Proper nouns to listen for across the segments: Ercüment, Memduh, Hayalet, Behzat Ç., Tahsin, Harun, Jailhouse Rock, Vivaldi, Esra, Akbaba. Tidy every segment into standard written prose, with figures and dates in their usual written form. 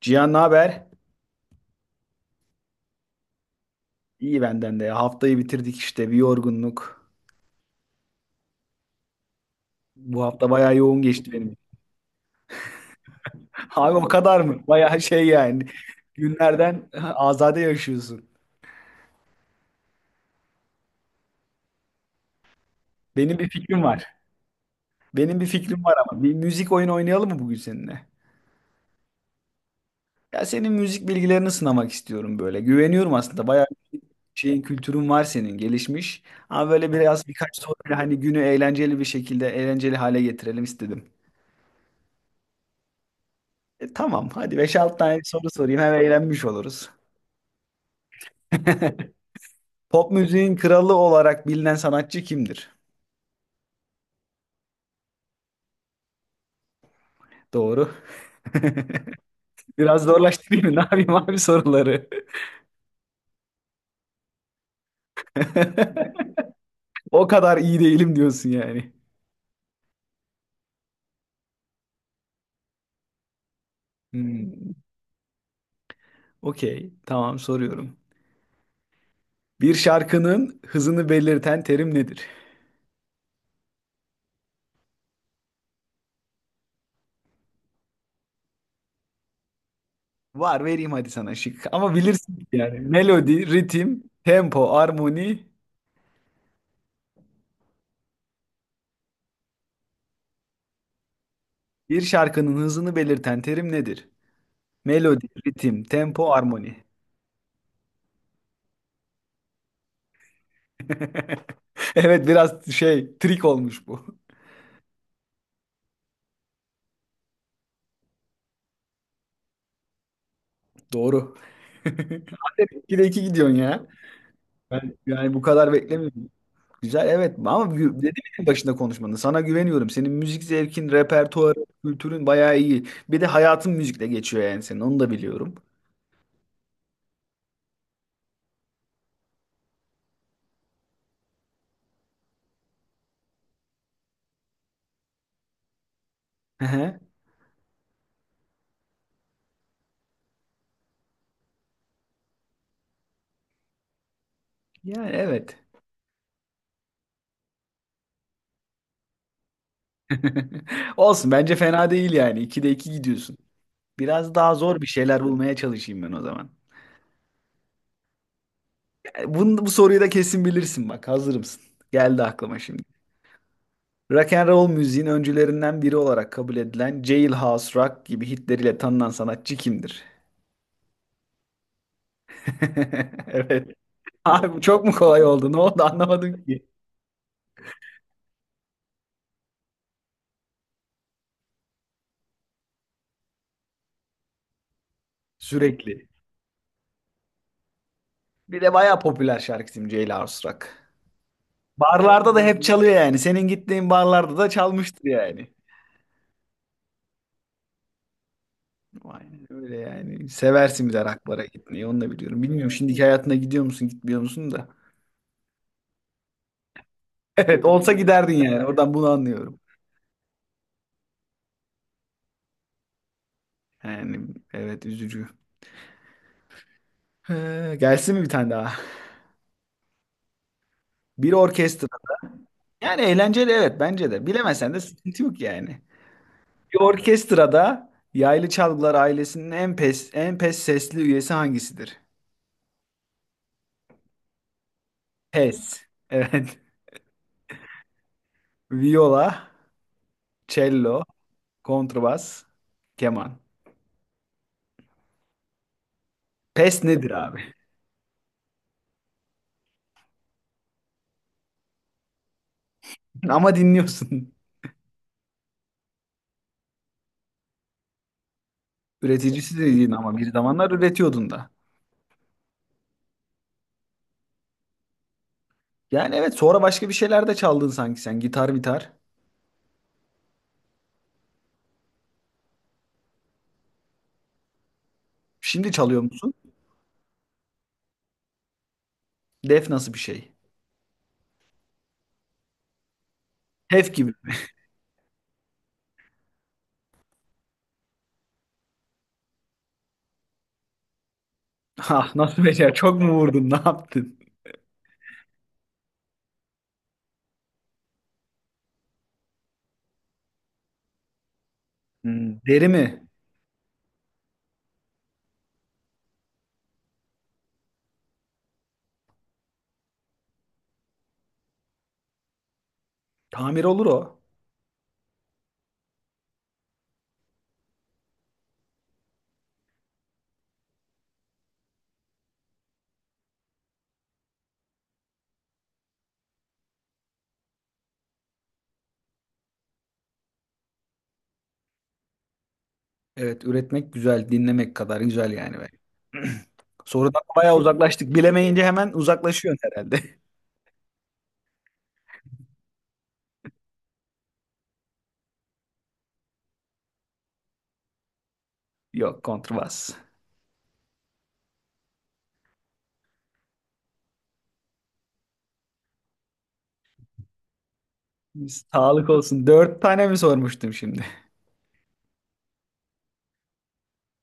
Cihan ne haber? İyi benden de. Haftayı bitirdik işte bir yorgunluk. Bu hafta bayağı yoğun geçti benim. Abi o kadar mı? Bayağı şey yani. Günlerden azade yaşıyorsun. Benim bir fikrim var. Benim bir fikrim var ama. Bir müzik oyunu oynayalım mı bugün seninle? Ya senin müzik bilgilerini sınamak istiyorum böyle. Güveniyorum aslında. Bayağı bir şeyin kültürün var senin gelişmiş. Ama böyle biraz birkaç soruyla hani günü eğlenceli bir şekilde eğlenceli hale getirelim istedim. Tamam hadi beş 6 tane soru sorayım hem eğlenmiş oluruz. Pop müziğin kralı olarak bilinen sanatçı kimdir? Doğru. Biraz zorlaştırayım mı? Ne yapayım abi soruları? O kadar iyi değilim diyorsun yani. Hmm. Okey. Tamam soruyorum. Bir şarkının hızını belirten terim nedir? Var vereyim hadi sana şık. Ama bilirsin yani. Melodi, ritim, tempo, armoni. Bir şarkının hızını belirten terim nedir? Melodi, ritim, tempo, armoni. Evet biraz şey trik olmuş bu. Doğru. İki de iki gidiyorsun ya. Ben yani bu kadar beklemiyordum. Güzel evet ama gü- dedim en başında konuşmanı. Sana güveniyorum. Senin müzik zevkin, repertuarın, kültürün bayağı iyi. Bir de hayatın müzikle geçiyor yani senin. Onu da biliyorum. Hı hı. Yani evet. Olsun bence fena değil yani. İki de iki gidiyorsun. Biraz daha zor bir şeyler bulmaya çalışayım ben o zaman. Bunu, bu soruyu da kesin bilirsin bak. Hazır mısın? Geldi aklıma şimdi. Rock and roll müziğin öncülerinden biri olarak kabul edilen Jailhouse Rock gibi hitleriyle tanınan sanatçı kimdir? Evet. Abi bu çok mu kolay oldu? Ne oldu anlamadım ki. Sürekli. Bir de bayağı popüler şarkısı Jailhouse Rock. Barlarda da hep çalıyor yani. Senin gittiğin barlarda da çalmıştır yani. Aynen öyle yani. Seversin bir de rock'lara gitmeyi. Onu da biliyorum. Bilmiyorum şimdiki hayatına gidiyor musun, gitmiyor musun da. Evet, olsa giderdin yani. Oradan bunu anlıyorum. Yani evet üzücü. Gelsin mi bir tane daha? Bir orkestrada. Yani eğlenceli evet bence de. Bilemesen de sıkıntı yok yani. Bir orkestrada yaylı çalgılar ailesinin en pes en pes sesli üyesi hangisidir? Pes. Evet. Viola, cello, kontrbas, keman. Pes nedir abi? Ama dinliyorsun. Üreticisi dediğin ama bir zamanlar üretiyordun da. Yani evet sonra başka bir şeyler de çaldın sanki sen. Gitar, gitar. Şimdi çalıyor musun? Def nasıl bir şey? Hef gibi mi? Ah nasıl becer? Çok mu vurdun? Ne yaptın? Hmm, deri mi? Tamir olur o. Evet, üretmek güzel, dinlemek kadar güzel yani. Be. Sorudan bayağı uzaklaştık. Bilemeyince hemen uzaklaşıyorsun herhalde. Yok, kontrbas. Sağlık olsun. Dört tane mi sormuştum şimdi?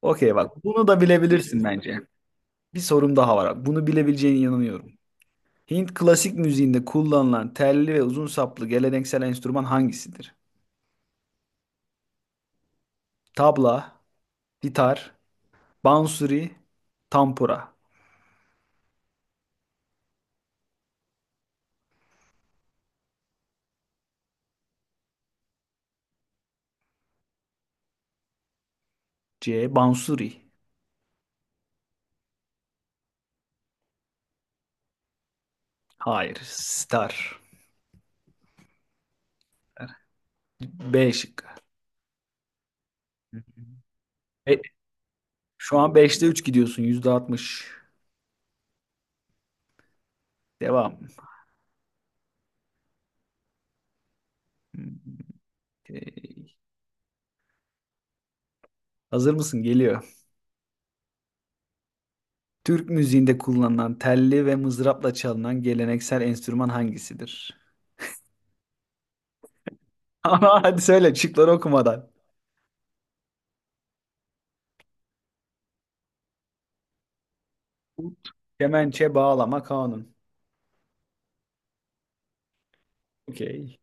Okey bak, bunu da bilebilirsin bence. Bir sorum daha var. Bunu bilebileceğine inanıyorum. Hint klasik müziğinde kullanılan telli ve uzun saplı geleneksel enstrüman hangisidir? Tabla, gitar, bansuri, tampura. C. Bansuri. Hayır. Star. B şıkkı. E, şu an 3/5 gidiyorsun. %60. Devam. E, hazır mısın? Geliyor. Türk müziğinde kullanılan telli ve mızrapla çalınan geleneksel enstrüman hangisidir? Ama hadi söyle şıkları okumadan. Kemençe, bağlama, kanun. Okey.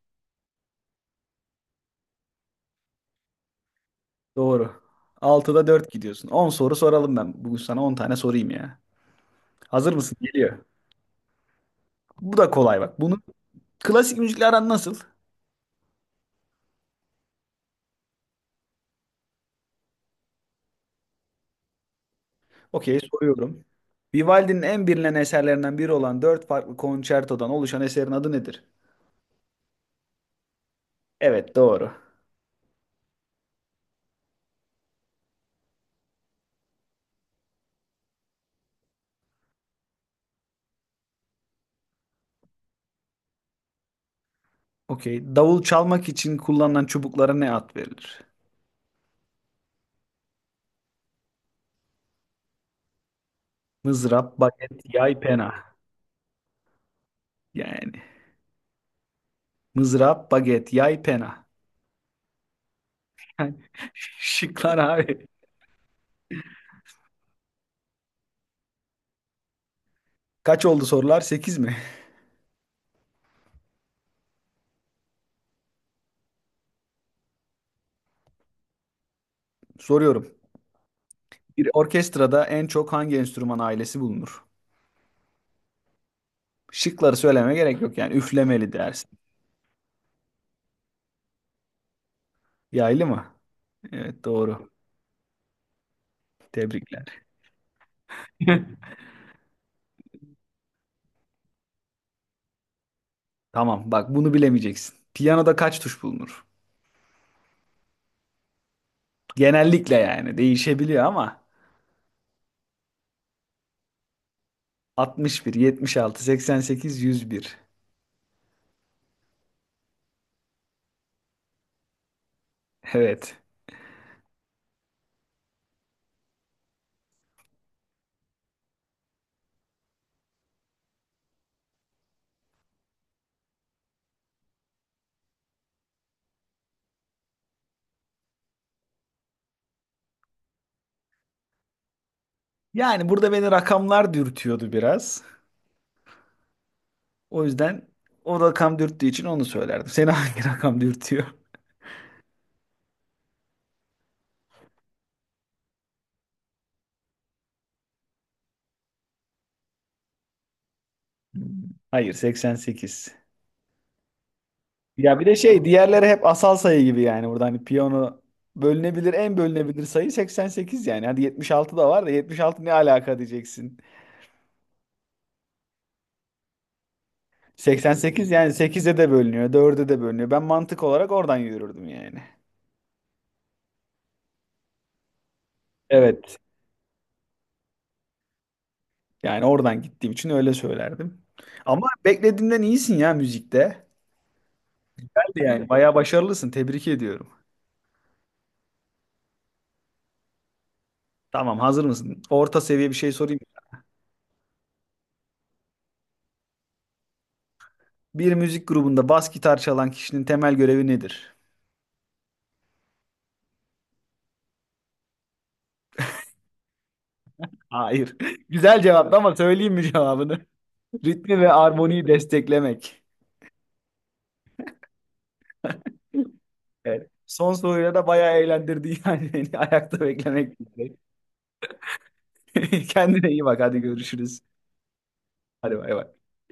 Doğru. 6/4 gidiyorsun. 10 soru soralım ben. Bugün sana 10 tane sorayım ya. Hazır mısın? Geliyor. Bu da kolay bak. Bunu klasik müzikle aran nasıl? Okey soruyorum. Vivaldi'nin en bilinen eserlerinden biri olan dört farklı konçertodan oluşan eserin adı nedir? Evet doğru. Okey. Davul çalmak için kullanılan çubuklara ne ad verilir? Mızrap, baget, yay, pena. Yani mızrap, baget, yay, pena. Yani, şıklar abi. Kaç oldu sorular? 8 mi? Soruyorum. Bir orkestrada en çok hangi enstrüman ailesi bulunur? Şıkları söylemeye gerek yok yani. Üflemeli dersin. Yaylı mı? Evet doğru. Tebrikler. Tamam bak bunu bilemeyeceksin. Piyanoda kaç tuş bulunur? Genellikle yani değişebiliyor ama 61, 76, 88, 101. Evet. Yani burada beni rakamlar dürtüyordu biraz. O yüzden o rakam dürttüğü için onu söylerdim. Seni hangi rakam dürtüyor? Hayır 88. Ya bir de şey diğerleri hep asal sayı gibi yani burada hani piyano bölünebilir en bölünebilir sayı 88 yani. Hadi 76 da var da 76 ne alaka diyeceksin. 88 yani 8'e de bölünüyor, dörde de bölünüyor. Ben mantık olarak oradan yürürdüm yani. Evet. Yani oradan gittiğim için öyle söylerdim. Ama beklediğimden iyisin ya müzikte. Geldi yani bayağı başarılısın. Tebrik ediyorum. Tamam, hazır mısın? Orta seviye bir şey sorayım. Bir müzik grubunda bas gitar çalan kişinin temel görevi nedir? Hayır. Güzel cevaptı ama söyleyeyim mi cevabını? Ritmi ve armoniyi desteklemek. Evet. Son soruyla da bayağı eğlendirdi yani beni ayakta beklemek. Kendine iyi bak hadi görüşürüz. Hadi bay bay.